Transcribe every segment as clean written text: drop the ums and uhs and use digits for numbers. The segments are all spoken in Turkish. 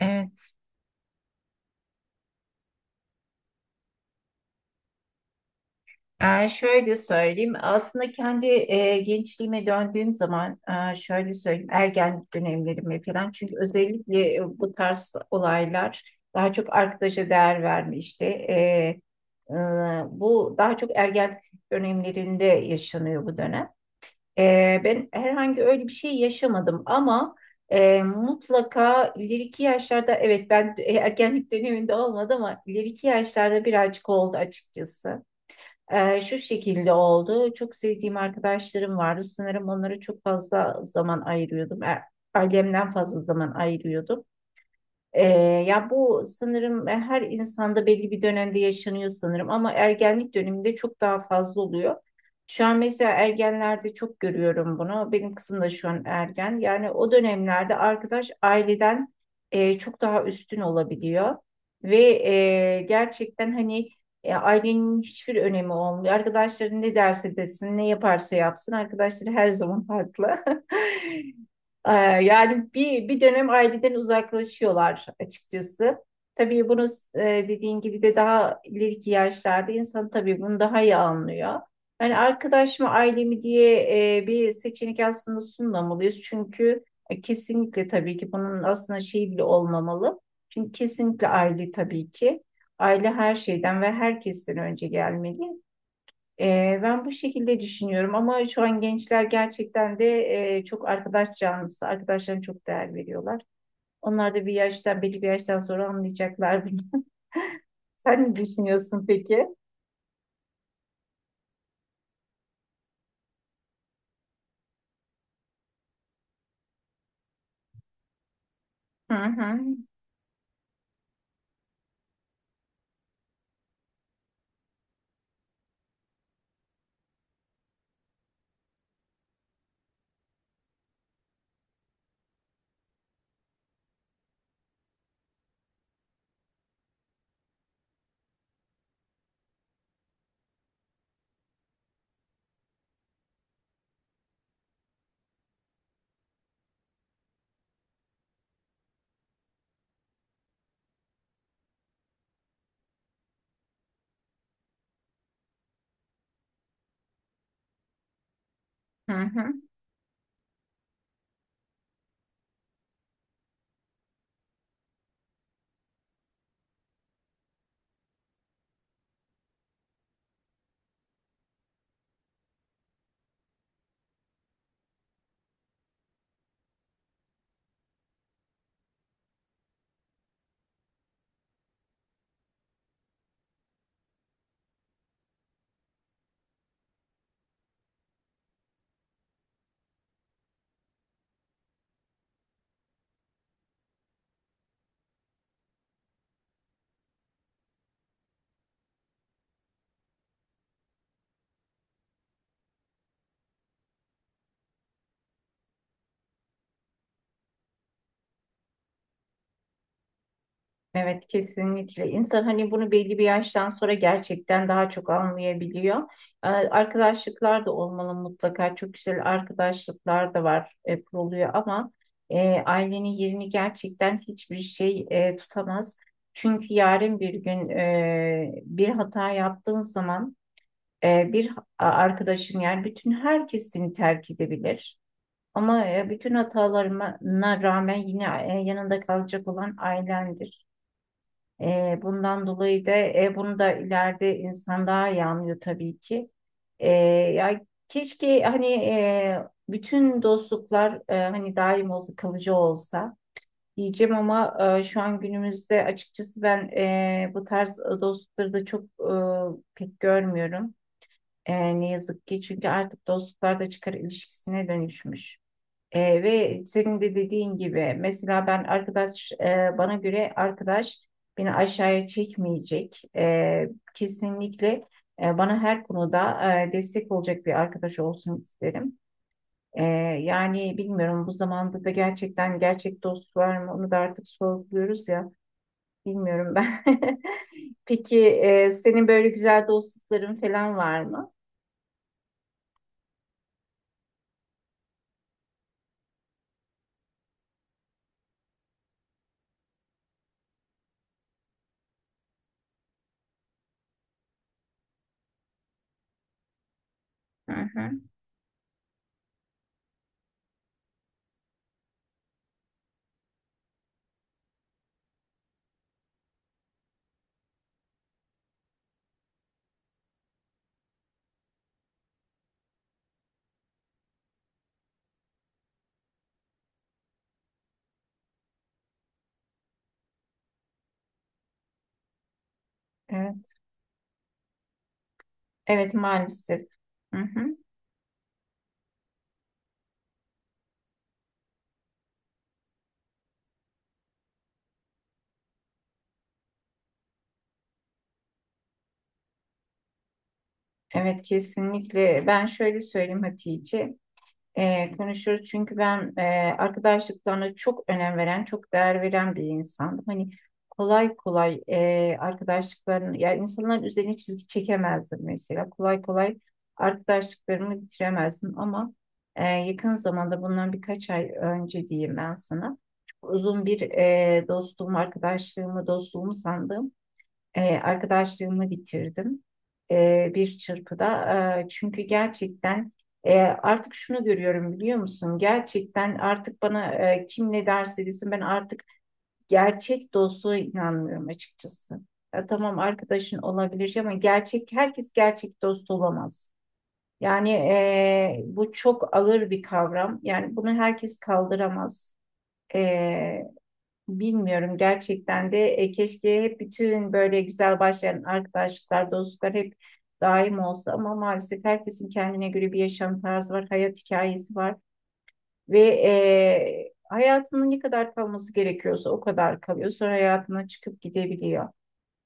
Evet. Şöyle söyleyeyim. Aslında kendi gençliğime döndüğüm zaman şöyle söyleyeyim. Ergenlik dönemlerime falan. Çünkü özellikle bu tarz olaylar daha çok arkadaşa değer verme işte. E, bu daha çok ergenlik dönemlerinde yaşanıyor bu dönem. Ben herhangi öyle bir şey yaşamadım ama mutlaka ileriki yaşlarda evet ben ergenlik döneminde olmadı ama ileriki yaşlarda birazcık oldu açıkçası. Şu şekilde oldu. Çok sevdiğim arkadaşlarım vardı. Sanırım onlara çok fazla zaman ayırıyordum. Ailemden fazla zaman ayırıyordum. Ee, ya bu sanırım her insanda belli bir dönemde yaşanıyor sanırım ama ergenlik döneminde çok daha fazla oluyor. Şu an mesela ergenlerde çok görüyorum bunu. Benim kızım da şu an ergen. Yani o dönemlerde arkadaş aileden çok daha üstün olabiliyor. Ve gerçekten hani ailenin hiçbir önemi olmuyor. Arkadaşların ne derse desin, ne yaparsa yapsın. Arkadaşları her zaman haklı. Ee, Yani bir dönem aileden uzaklaşıyorlar açıkçası. Tabii bunu e, dediğin gibi de daha ileriki yaşlarda insan tabii bunu daha iyi anlıyor. Yani arkadaş mı aile mi diye bir seçenek aslında sunmamalıyız. Çünkü kesinlikle tabii ki bunun aslında şey bile olmamalı. Çünkü kesinlikle aile tabii ki. Aile her şeyden ve herkesten önce gelmeli. Ben bu şekilde düşünüyorum ama şu an gençler gerçekten de çok arkadaş canlısı. Arkadaşlarına çok değer veriyorlar. Onlar da bir yaştan, belli bir yaştan sonra anlayacaklar bunu. Sen ne düşünüyorsun peki? Hı hı, hı hı. Evet, kesinlikle. İnsan hani bunu belli bir yaştan sonra gerçekten daha çok anlayabiliyor. Arkadaşlıklar da olmalı mutlaka. Çok güzel arkadaşlıklar da var, kuruluyor ama ailenin yerini gerçekten hiçbir şey tutamaz. Çünkü yarın bir gün bir hata yaptığın zaman bir arkadaşın yani bütün herkes seni terk edebilir. Ama bütün hatalarına rağmen yine yanında kalacak olan ailendir. Bundan dolayı da bunu da ileride insan daha iyi anlıyor tabii ki. Ya keşke hani bütün dostluklar hani daim olsa kalıcı olsa diyeceğim ama şu an günümüzde açıkçası ben bu tarz dostlukları da çok pek görmüyorum. Ne yazık ki çünkü artık dostluklar da çıkar ilişkisine dönüşmüş. Ve senin de dediğin gibi mesela ben arkadaş bana göre arkadaş beni aşağıya çekmeyecek. Kesinlikle bana her konuda destek olacak bir arkadaş olsun isterim. Ee, Yani bilmiyorum bu zamanda da gerçekten gerçek dost var mı onu da artık sorguluyoruz ya, bilmiyorum ben. Peki senin böyle güzel dostlukların falan var mı? Hı hı. Evet, evet, maalesef. Hı hı. Evet, kesinlikle. Ben şöyle söyleyeyim Hatice. Konuşuruz çünkü ben arkadaşlıklarına çok önem veren, çok değer veren bir insandım. Hani kolay kolay arkadaşlıklarını, ya insanların üzerine çizgi çekemezdim mesela. Kolay kolay arkadaşlıklarımı bitiremezdim ama yakın zamanda bundan birkaç ay önce diyeyim ben sana. Çok uzun bir dostluğumu, arkadaşlığımı, dostluğumu sandığım arkadaşlığımı bitirdim bir çırpıda. Çünkü gerçekten artık şunu görüyorum biliyor musun? Gerçekten artık bana kim ne derse desin ben artık gerçek dostluğa inanmıyorum açıkçası. Ya tamam, arkadaşın olabilir ama gerçek herkes gerçek dost olamaz. Yani bu çok ağır bir kavram. Yani bunu herkes kaldıramaz. E, Bilmiyorum gerçekten de. Keşke hep bütün böyle güzel başlayan arkadaşlıklar, dostluklar hep daim olsa ama maalesef herkesin kendine göre bir yaşam tarzı var, hayat hikayesi var ve hayatının ne kadar kalması gerekiyorsa o kadar kalıyor. Sonra hayatına çıkıp gidebiliyor.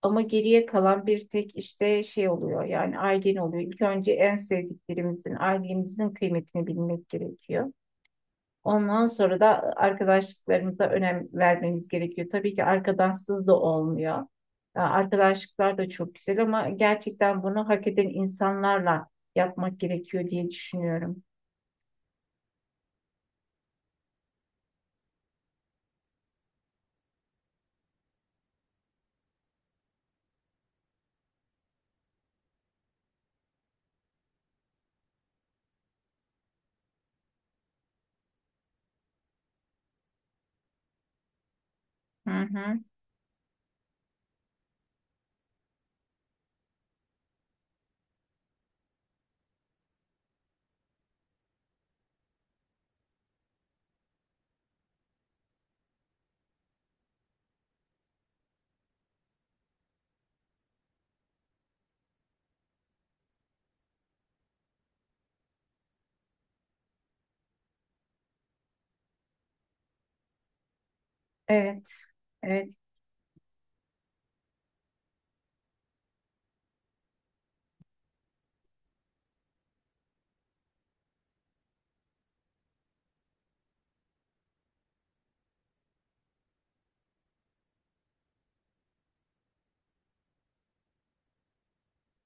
Ama geriye kalan bir tek işte şey oluyor yani ailen oluyor. İlk önce en sevdiklerimizin, ailemizin kıymetini bilmek gerekiyor. Ondan sonra da arkadaşlıklarımıza önem vermemiz gerekiyor. Tabii ki arkadaşsız da olmuyor. Ya, arkadaşlıklar da çok güzel ama gerçekten bunu hak eden insanlarla yapmak gerekiyor diye düşünüyorum. Hı hı. Evet. Evet.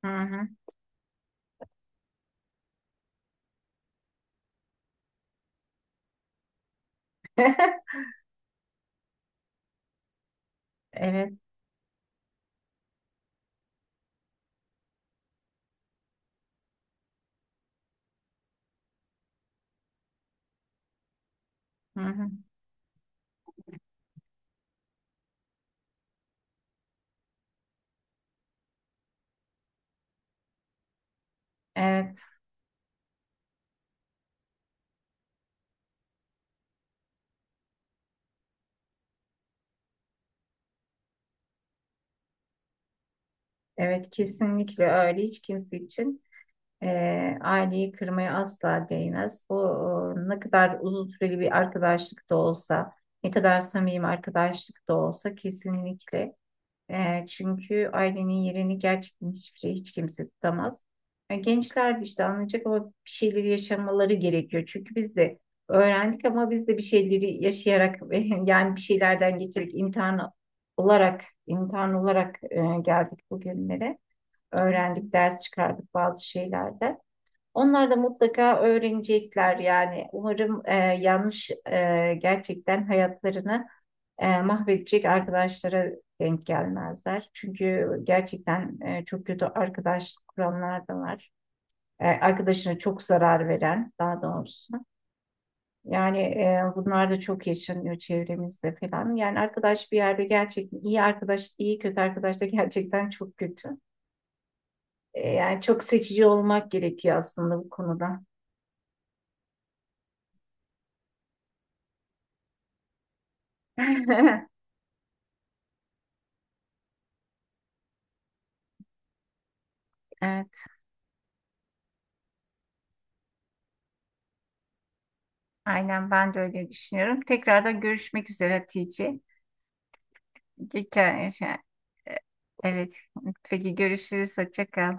Hı hı. Evet. Hı hı. Evet. Evet, kesinlikle öyle. Hiç kimse için. Aileyi kırmaya asla değmez. Bu ne kadar uzun süreli bir arkadaşlık da olsa, ne kadar samimi arkadaşlık da olsa kesinlikle. Çünkü ailenin yerini gerçekten hiçbir şey, hiç kimse tutamaz. Yani gençler de işte anlayacak ama bir şeyleri yaşamaları gerekiyor. Çünkü biz de öğrendik ama biz de bir şeyleri yaşayarak yani bir şeylerden geçerek imtihan olarak geldik bugünlere. Öğrendik, ders çıkardık bazı şeylerde. Onlar da mutlaka öğrenecekler yani. Umarım yanlış gerçekten hayatlarını mahvedecek arkadaşlara denk gelmezler. Çünkü gerçekten çok kötü arkadaş kuranlar da var. Arkadaşına çok zarar veren daha doğrusu. Yani bunlar da çok yaşanıyor çevremizde falan. Yani arkadaş bir yerde gerçekten iyi arkadaş, iyi kötü arkadaş da gerçekten çok kötü. Yani çok seçici olmak gerekiyor aslında bu konuda. E, Aynen, ben de öyle düşünüyorum. Tekrardan görüşmek üzere Hatice. Ge- ke- şey, e, Evet. Peki, görüşürüz. Hoşça kal.